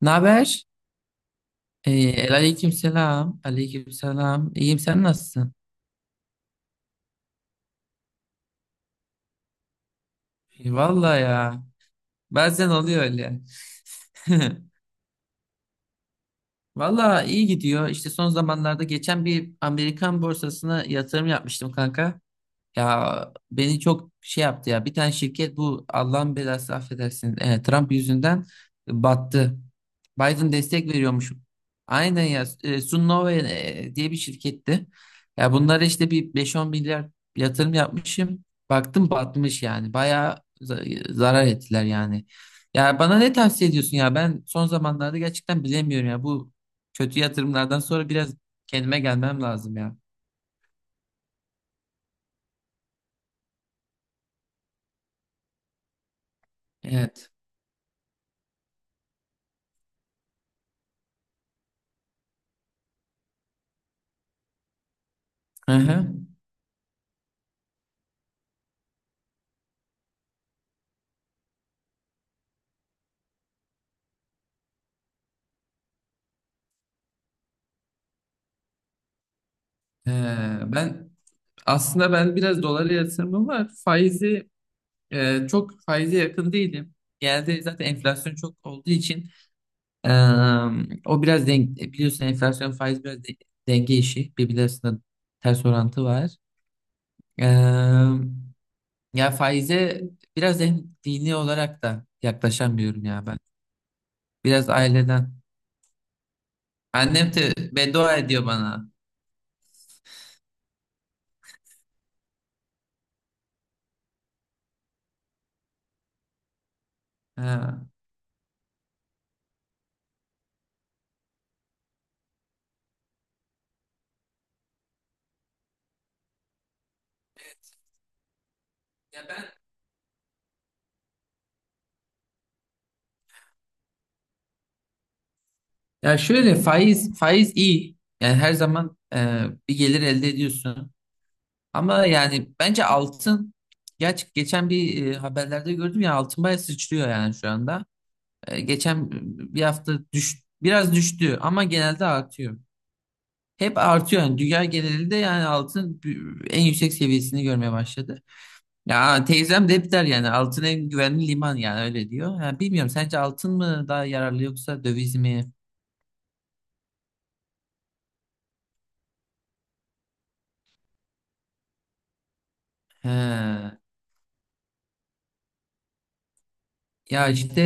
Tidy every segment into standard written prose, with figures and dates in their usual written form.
Ne haber? Aleyküm selam. Aleyküm selam. İyiyim, sen nasılsın? Vallahi ya. Bazen oluyor öyle. Vallahi iyi gidiyor. İşte son zamanlarda geçen bir Amerikan borsasına yatırım yapmıştım kanka. Ya beni çok şey yaptı ya. Bir tane şirket, bu Allah'ın belası, affedersin, Trump yüzünden battı. Biden destek veriyormuş. Aynen ya. Sunnova diye bir şirketti. Ya bunlara işte bir beş on milyar yatırım yapmışım. Baktım batmış yani. Bayağı zarar ettiler yani. Ya bana ne tavsiye ediyorsun ya? Ben son zamanlarda gerçekten bilemiyorum ya. Bu kötü yatırımlardan sonra biraz kendime gelmem lazım ya. Evet. Hı hı. Ben aslında ben biraz dolara yatırımım var. Faizi, çok faize yakın değilim. Genelde zaten enflasyon çok olduğu için e, o biraz denk, biliyorsun enflasyon faiz biraz denge işi. Birbirleri arasında ters orantı var. E, ya faize biraz en dini olarak da yaklaşamıyorum ya ben. Biraz aileden. Annem de beddua ediyor bana. Ha. Ya şöyle faiz faiz iyi. Yani her zaman bir gelir elde ediyorsun. Ama yani bence altın geçen bir haberlerde gördüm ya, altın bayağı sıçrıyor yani şu anda. Geçen bir hafta biraz düştü ama genelde artıyor. Hep artıyor yani dünya genelinde, yani altın en yüksek seviyesini görmeye başladı. Ya teyzem de hep der yani altın en güvenli liman, yani öyle diyor. Ya bilmiyorum, sence altın mı daha yararlı yoksa döviz mi? He. Ya işte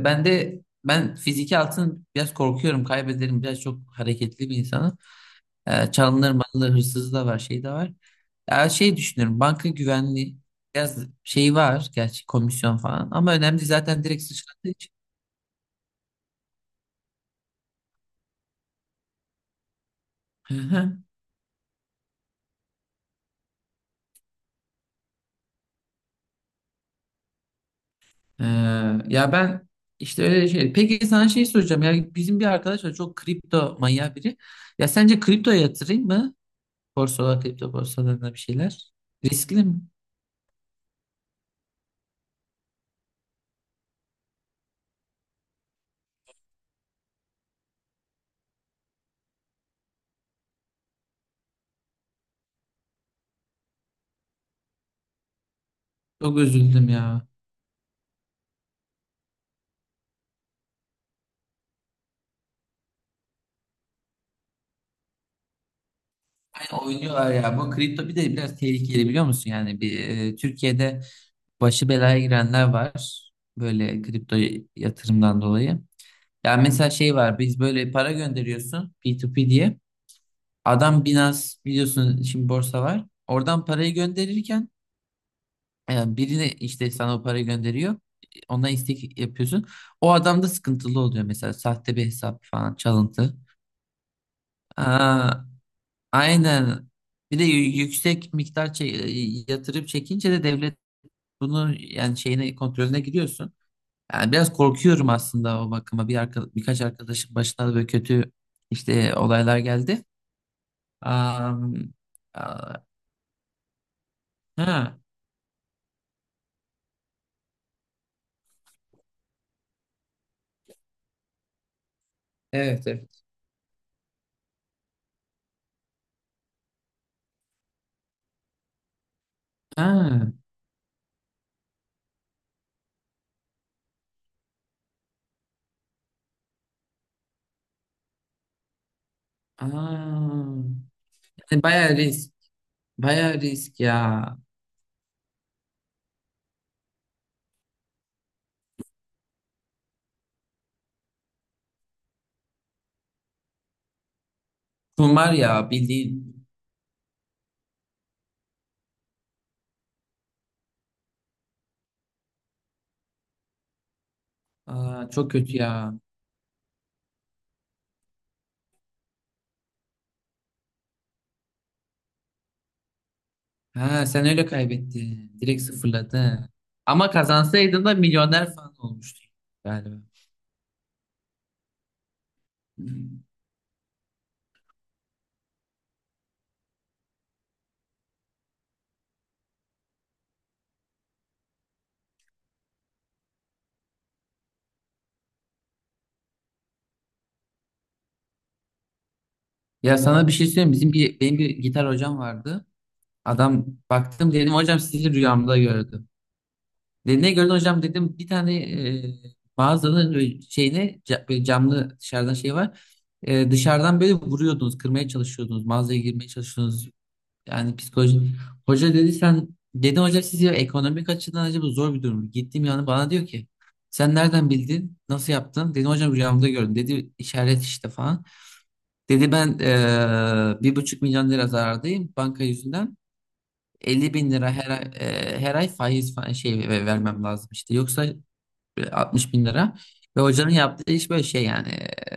ben de ben fiziki altın biraz korkuyorum, kaybederim, biraz çok hareketli bir insanım. Çalınır malınır, hırsızı da var, şey de var. Ya şey düşünüyorum, banka güvenliği biraz şey var, gerçi komisyon falan ama önemli zaten direkt sıçradığı için. Hı hı. E, ya ben işte öyle şey. Peki sana şey soracağım ya, bizim bir arkadaş var, çok kripto manyağı biri. Ya sence kriptoya yatırayım mı? Borsalar kripto borsalarına bir şeyler. Riskli mi? Çok üzüldüm ya. Aynen oynuyorlar ya. Bu kripto bir de biraz tehlikeli, biliyor musun? Yani bir Türkiye'de başı belaya girenler var. Böyle kripto yatırımdan dolayı. Yani mesela şey var. Biz böyle para gönderiyorsun, P2P diye. Adam Binance biliyorsun, şimdi borsa var. Oradan parayı gönderirken birine işte sana o parayı gönderiyor. Ona istek yapıyorsun. O adam da sıkıntılı oluyor mesela. Sahte bir hesap falan, çalıntı. Aa, aynen. Bir de yüksek miktar yatırıp çekince de devlet bunu yani şeyine, kontrolüne giriyorsun. Yani biraz korkuyorum aslında o bakıma. Birkaç arkadaşın başına da böyle kötü işte olaylar geldi. Am, a- ha, evet, evet. Ha, aa. Yani bayağı risk. Bayağı risk ya. Kumar ya bildiğin. Aa, çok kötü ya. Ha, sen öyle kaybettin. Direkt sıfırladı, ha. Ama kazansaydın da milyoner falan olmuştun galiba. Ya sana bir şey söyleyeyim. Bizim bir benim bir gitar hocam vardı. Adam, baktım, dedim hocam sizi rüyamda gördüm. Dedi ne gördün hocam, dedim bir tane e, mağazanın böyle şeyine, böyle camlı dışarıdan şey var. Dışarıdan böyle vuruyordunuz, kırmaya çalışıyordunuz, mağazaya girmeye çalışıyordunuz. Yani psikoloji hoca, dedi sen, dedim hocam siz, ya ekonomik açıdan acaba zor bir durum. Gittiğim yani, bana diyor ki sen nereden bildin? Nasıl yaptın? Dedim hocam rüyamda gördüm. Dedi işaret işte falan. Dedi ben 1,5 milyon lira zarardayım banka yüzünden. 50 bin lira her ay faiz falan şey vermem lazım işte. Yoksa 60 bin lira. Ve hocanın yaptığı iş böyle şey yani,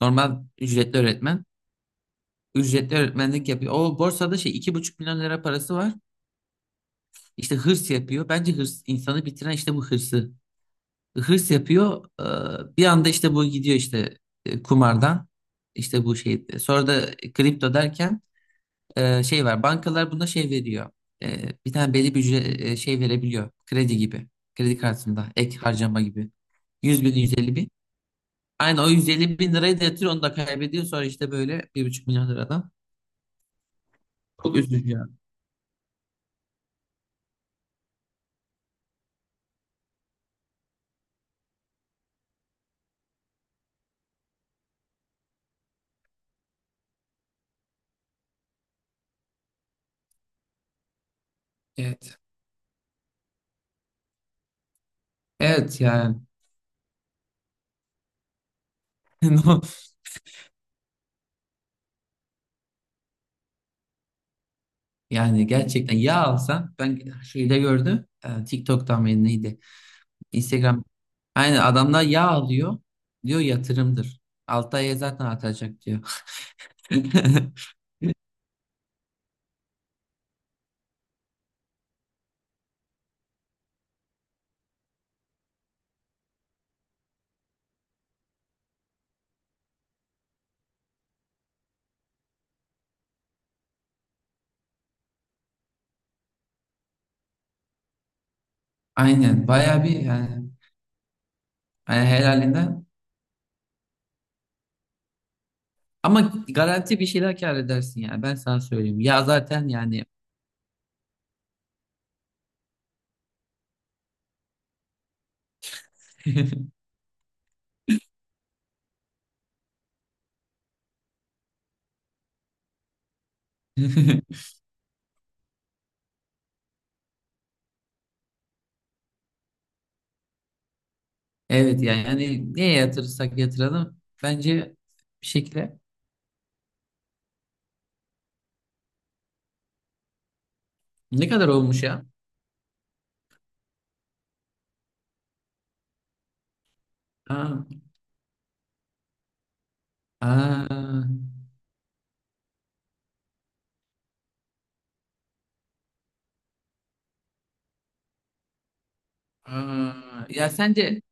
normal ücretli öğretmen. Ücretli öğretmenlik yapıyor. O borsada şey, 2,5 milyon lira parası var. İşte hırs yapıyor. Bence hırs insanı bitiren, işte bu hırsı. Hırs yapıyor. Bir anda işte bu gidiyor, işte kumardan. İşte bu şey. Sonra da kripto derken şey var. Bankalar buna şey veriyor. E, Bir tane belli bir şey verebiliyor. Kredi gibi. Kredi kartında ek harcama gibi. 100 bin, 150 bin. Aynı o 150 bin lirayı da yatırıyor, onu da kaybediyor. Sonra işte böyle, 1,5 milyon liradan. Çok üzücü yani. Evet. Evet yani. No- Yani gerçekten yağ alsan, ben şeyde gördüm TikTok'tan mı neydi, Instagram, aynen, adamlar yağ alıyor diyor, yatırımdır, 6 aya zaten atacak diyor. Aynen bayağı bir yani, yani helalinden ama garanti bir şeyler kâr edersin yani, ben sana söyleyeyim ya zaten yani. Evet yani, neye yatırırsak yatıralım, bence bir şekilde. Ne kadar olmuş ya? Aa, aa, aa. Ya sence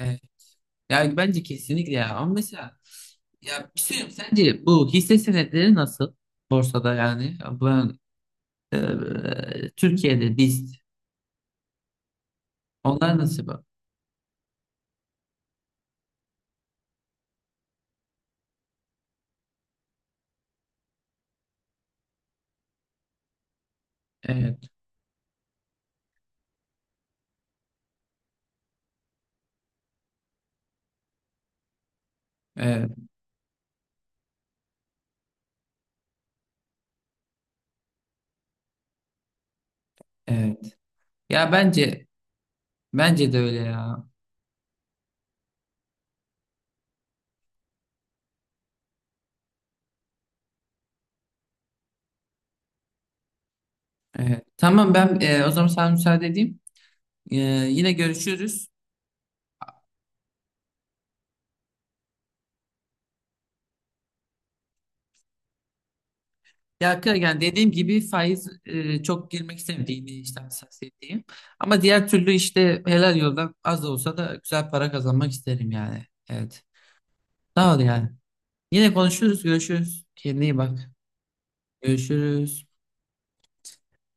e, ya bence kesinlikle ya, ama mesela ya bir şey söyleyeyim, sence bu hisse senetleri nasıl borsada? Yani ben Türkiye'de biz, onlar nasıl bu? Evet, evet, evet. Ya bence, bence de öyle ya. Evet. Tamam ben, o zaman sana müsaade edeyim. E, yine görüşürüz. Ya yani dediğim gibi faiz çok girmek istemediğini işte hassasiyetliyim. Ama diğer türlü işte helal yoldan az da olsa da güzel para kazanmak isterim yani. Evet. Sağ ol yani. Yine konuşuruz, görüşürüz. Kendine iyi bak. Görüşürüz.